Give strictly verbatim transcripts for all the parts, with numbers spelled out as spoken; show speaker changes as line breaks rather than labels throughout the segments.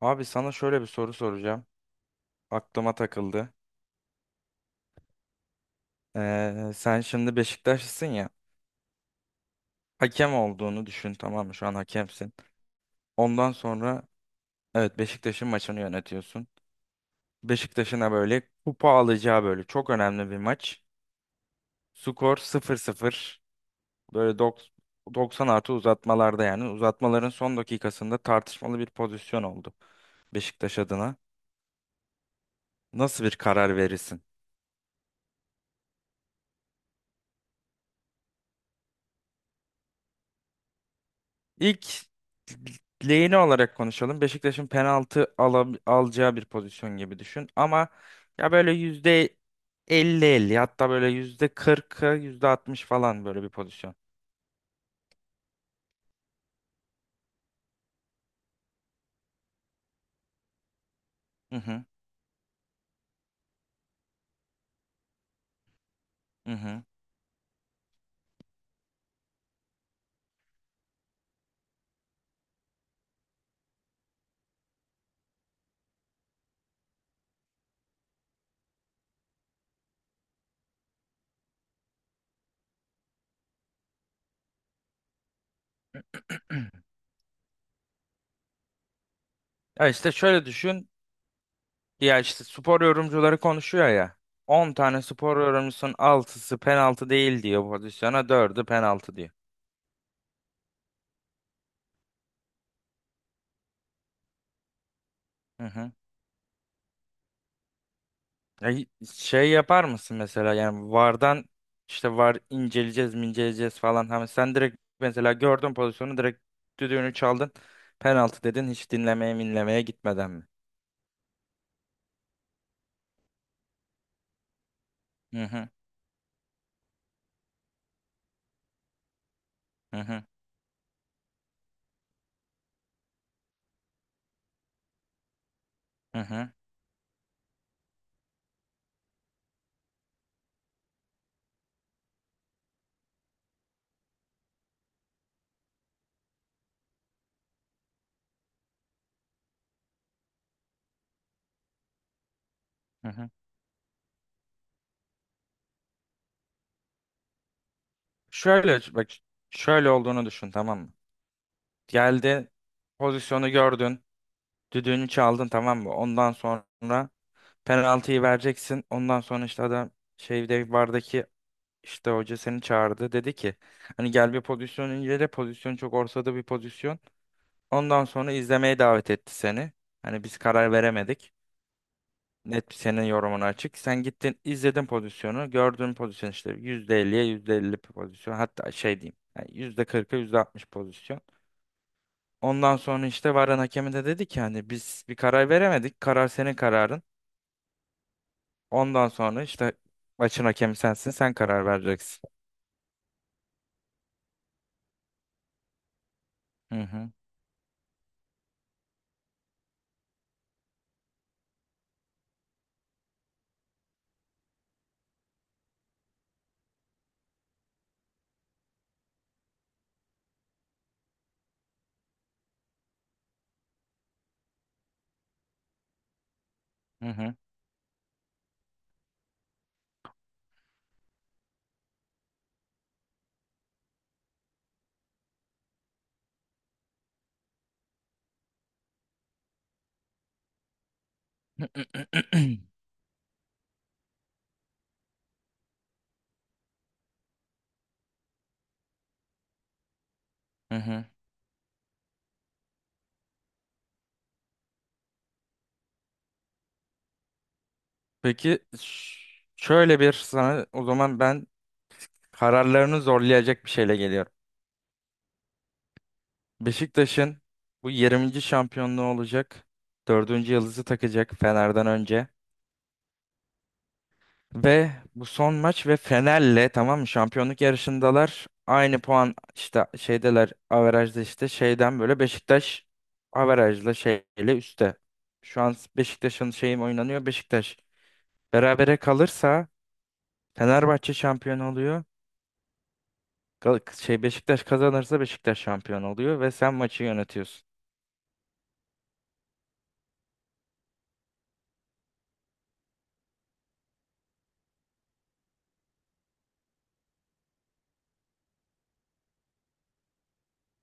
Abi sana şöyle bir soru soracağım. Aklıma takıldı. Ee, sen şimdi Beşiktaşlısın ya. Hakem olduğunu düşün, tamam mı? Şu an hakemsin. Ondan sonra evet Beşiktaş'ın maçını yönetiyorsun. Beşiktaş'ına böyle kupa alacağı böyle çok önemli bir maç. Skor sıfır sıfır. Böyle dok- doksan artı uzatmalarda yani. Uzatmaların son dakikasında tartışmalı bir pozisyon oldu Beşiktaş adına. Nasıl bir karar verirsin? İlk lehine olarak konuşalım. Beşiktaş'ın penaltı ala- alacağı bir pozisyon gibi düşün. Ama ya böyle yüzde elli 50, hatta böyle yüzde kırka yüzde altmış falan böyle bir pozisyon. Hı hı, hı hı. Ya işte şöyle düşün. Ya işte spor yorumcuları konuşuyor ya. On tane spor yorumcusunun altısı penaltı değil diyor pozisyona, dördü penaltı diyor. Hı hı. Ya hi- şey yapar mısın mesela, yani V A R'dan işte V A R inceleyeceğiz mi inceleyeceğiz falan. Hani sen direkt mesela gördün pozisyonu, direkt düdüğünü çaldın. Penaltı dedin hiç dinlemeye minlemeye gitmeden mi? Hı hı hı hı hı hı. Hı hı. Şöyle bak, şöyle olduğunu düşün tamam mı? Geldi, pozisyonu gördün, düdüğünü çaldın tamam mı? Ondan sonra penaltıyı vereceksin. Ondan sonra işte adam şeyde V A R'daki İşte hoca seni çağırdı. Dedi ki hani gel bir pozisyon incele. Pozisyon çok ortada bir pozisyon. Ondan sonra izlemeye davet etti seni. Hani biz karar veremedik. Net senin yorumun açık. Sen gittin izledin pozisyonu. Gördüğün pozisyon işte yüzde elliye yüzde elli bir pozisyon. Hatta şey diyeyim. Yani yüzde kırka yüzde altmış pozisyon. Ondan sonra işte varan hakemi de dedi ki hani biz bir karar veremedik. Karar senin kararın. Ondan sonra işte maçın hakemi sensin. Sen karar vereceksin. Hı hı. Hı hı. Hı hı. Peki ş- şöyle bir sana o zaman ben kararlarını zorlayacak bir şeyle geliyorum. Beşiktaş'ın bu yirminci şampiyonluğu olacak. Dördüncü yıldızı takacak Fener'den önce. Ve bu son maç ve Fener'le tamam mı şampiyonluk yarışındalar. Aynı puan işte şeydeler averajda işte şeyden böyle Beşiktaş averajla şeyle üstte. Şu an Beşiktaş'ın şeyim oynanıyor Beşiktaş. Berabere kalırsa Fenerbahçe şampiyon oluyor. Gal- şey Beşiktaş kazanırsa Beşiktaş şampiyon oluyor ve sen maçı yönetiyorsun.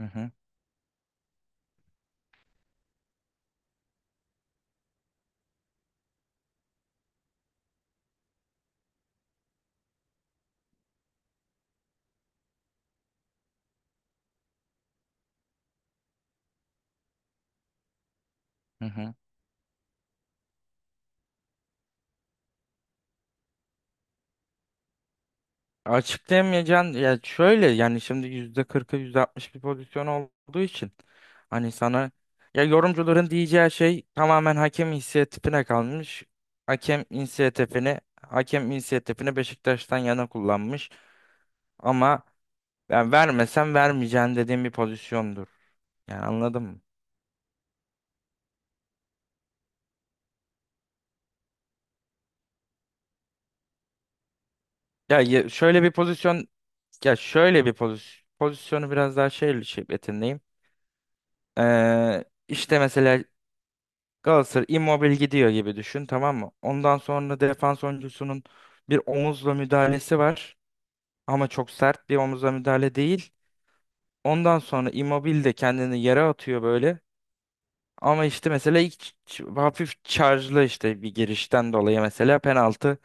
Hı hı hı. Hı. Açıklayamayacaksın ya, şöyle yani şimdi yüzde kırkı yüzde altmış bir pozisyon olduğu için hani sana ya yorumcuların diyeceği şey tamamen hakem inisiyatifine kalmış. Hakem inisiyatifini hakem inisiyatifini Beşiktaş'tan yana kullanmış ama ben vermesem vermeyeceğim dediğim bir pozisyondur. Yani anladın mı? Ya ye- şöyle bir pozisyon Ya şöyle bir pozisyon, pozisyonu biraz daha şey şey yeteneğim. Ee, işte mesela Galatasaray Immobile gidiyor gibi düşün tamam mı? Ondan sonra defans oyuncusunun bir omuzla müdahalesi var ama çok sert bir omuzla müdahale değil. Ondan sonra Immobile de kendini yere atıyor böyle. Ama işte mesela ilk ç- ç- hafif charge'lı işte bir girişten dolayı mesela penaltı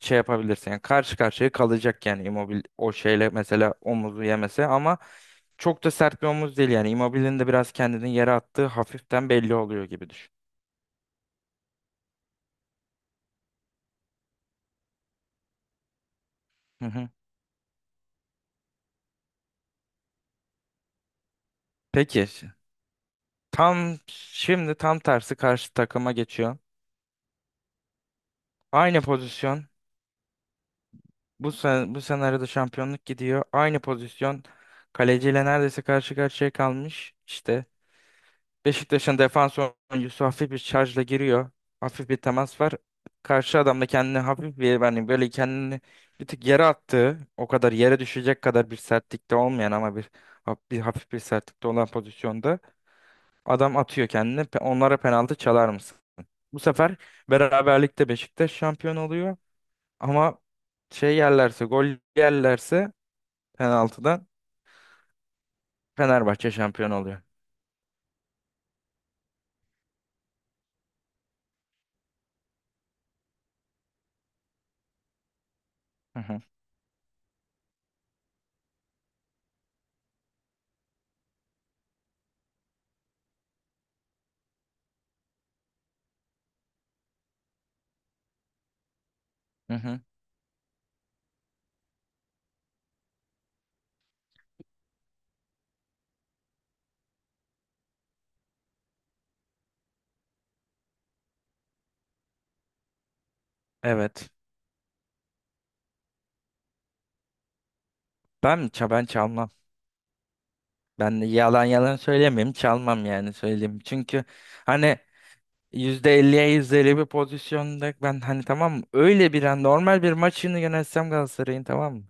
şey yapabilirsin. Yani karşı karşıya kalacak yani Immobile o şeyle mesela omuzu yemese ama çok da sert bir omuz değil yani. Immobile'nin de biraz kendini yere attığı hafiften belli oluyor gibi düşün. Hı hı. Peki. Tam şimdi tam tersi karşı takıma geçiyor. Aynı pozisyon. Bu sen, bu senaryoda şampiyonluk gidiyor. Aynı pozisyon. Kaleciyle neredeyse karşı karşıya kalmış. İşte Beşiktaş'ın defans oyuncusu hafif bir şarjla giriyor. Hafif bir temas var. Karşı adam da kendini hafif bir yani böyle kendini bir tık yere attığı, o kadar yere düşecek kadar bir sertlikte olmayan ama bir, ha- bir hafif bir sertlikte olan pozisyonda adam atıyor kendini. Pe- Onlara penaltı çalar mısın? Bu sefer beraberlikte Beşiktaş şampiyon oluyor ama şey yerlerse gol yerlerse penaltıdan Fenerbahçe şampiyon oluyor. Hı hı. Hı hı. Evet. Ben, ça- ben çalmam. Ben de yalan yalan söylemeyeyim, çalmam yani söyleyeyim. Çünkü hani yüzde elliye yüzde elli bir pozisyonda ben hani tamam, öyle bir an normal bir maçını yönetsem Galatasaray'ın tamam mı?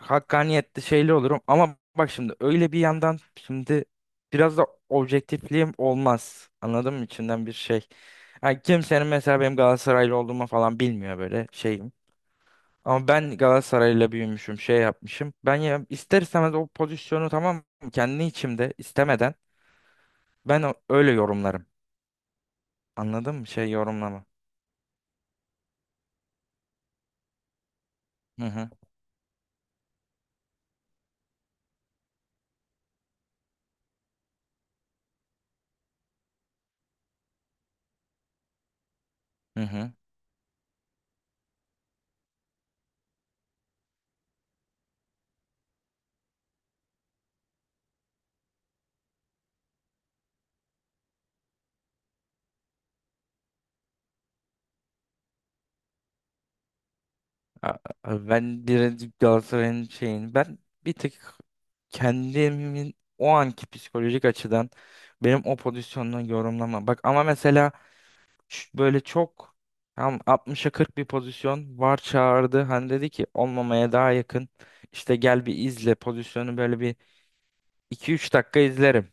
Hakkaniyetli şeyli olurum ama bak şimdi öyle bir yandan şimdi biraz da objektifliğim olmaz. Anladın mı? İçinden bir şey. Yani kimsenin mesela benim Galatasaraylı olduğumu falan bilmiyor böyle şeyim. Ama ben Galatasaray'la büyümüşüm, şey yapmışım. Ben ya ister istemez o pozisyonu tamam mı? Kendi içimde istemeden ben o- öyle yorumlarım. Anladın mı? Şey yorumlama. Hı hı. Hı hı. A- a- Ben direkt Galatasaray'ın şeyini ben bir tık kendimin o anki psikolojik açıdan benim o pozisyondan yorumlama. Bak ama mesela ş- böyle çok tam altmışa kırk bir pozisyon var çağırdı. Hani dedi ki olmamaya daha yakın. İşte gel bir izle pozisyonu, böyle bir iki üç dakika izlerim.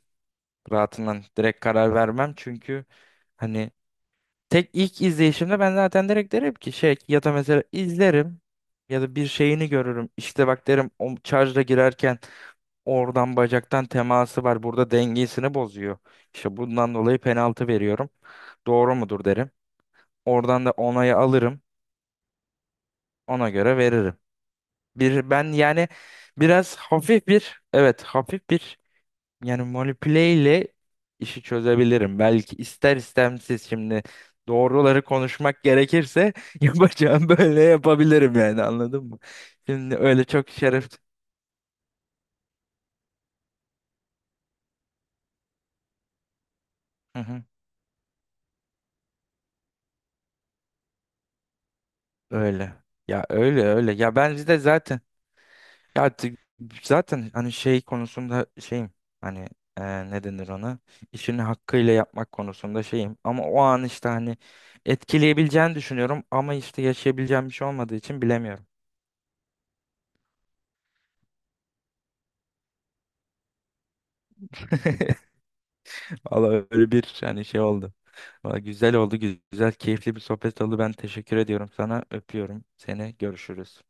Rahatından direkt karar vermem çünkü hani tek ilk izleyişimde ben zaten direkt derim ki şey, ya da mesela izlerim ya da bir şeyini görürüm. İşte bak derim, o şarja girerken oradan bacaktan teması var. Burada dengesini bozuyor. İşte bundan dolayı penaltı veriyorum. Doğru mudur derim. Oradan da onayı alırım. Ona göre veririm. Bir ben yani biraz hafif bir, evet, hafif bir yani manipüle ile işi çözebilirim. Belki ister istemsiz şimdi doğruları konuşmak gerekirse yapacağım, böyle yapabilirim yani, anladın mı? Şimdi öyle çok şeref. Hı hı, öyle. Ya öyle öyle. Ya ben de zaten ya t- zaten hani şey konusunda şeyim. Hani, e, ne denir ona? İşini hakkıyla yapmak konusunda şeyim. Ama o an işte hani etkileyebileceğini düşünüyorum ama işte yaşayabileceğim bir şey olmadığı için bilemiyorum. Valla öyle bir hani şey oldu. Valla güzel oldu, güzel, keyifli bir sohbet oldu. Ben teşekkür ediyorum sana. Öpüyorum seni. Görüşürüz.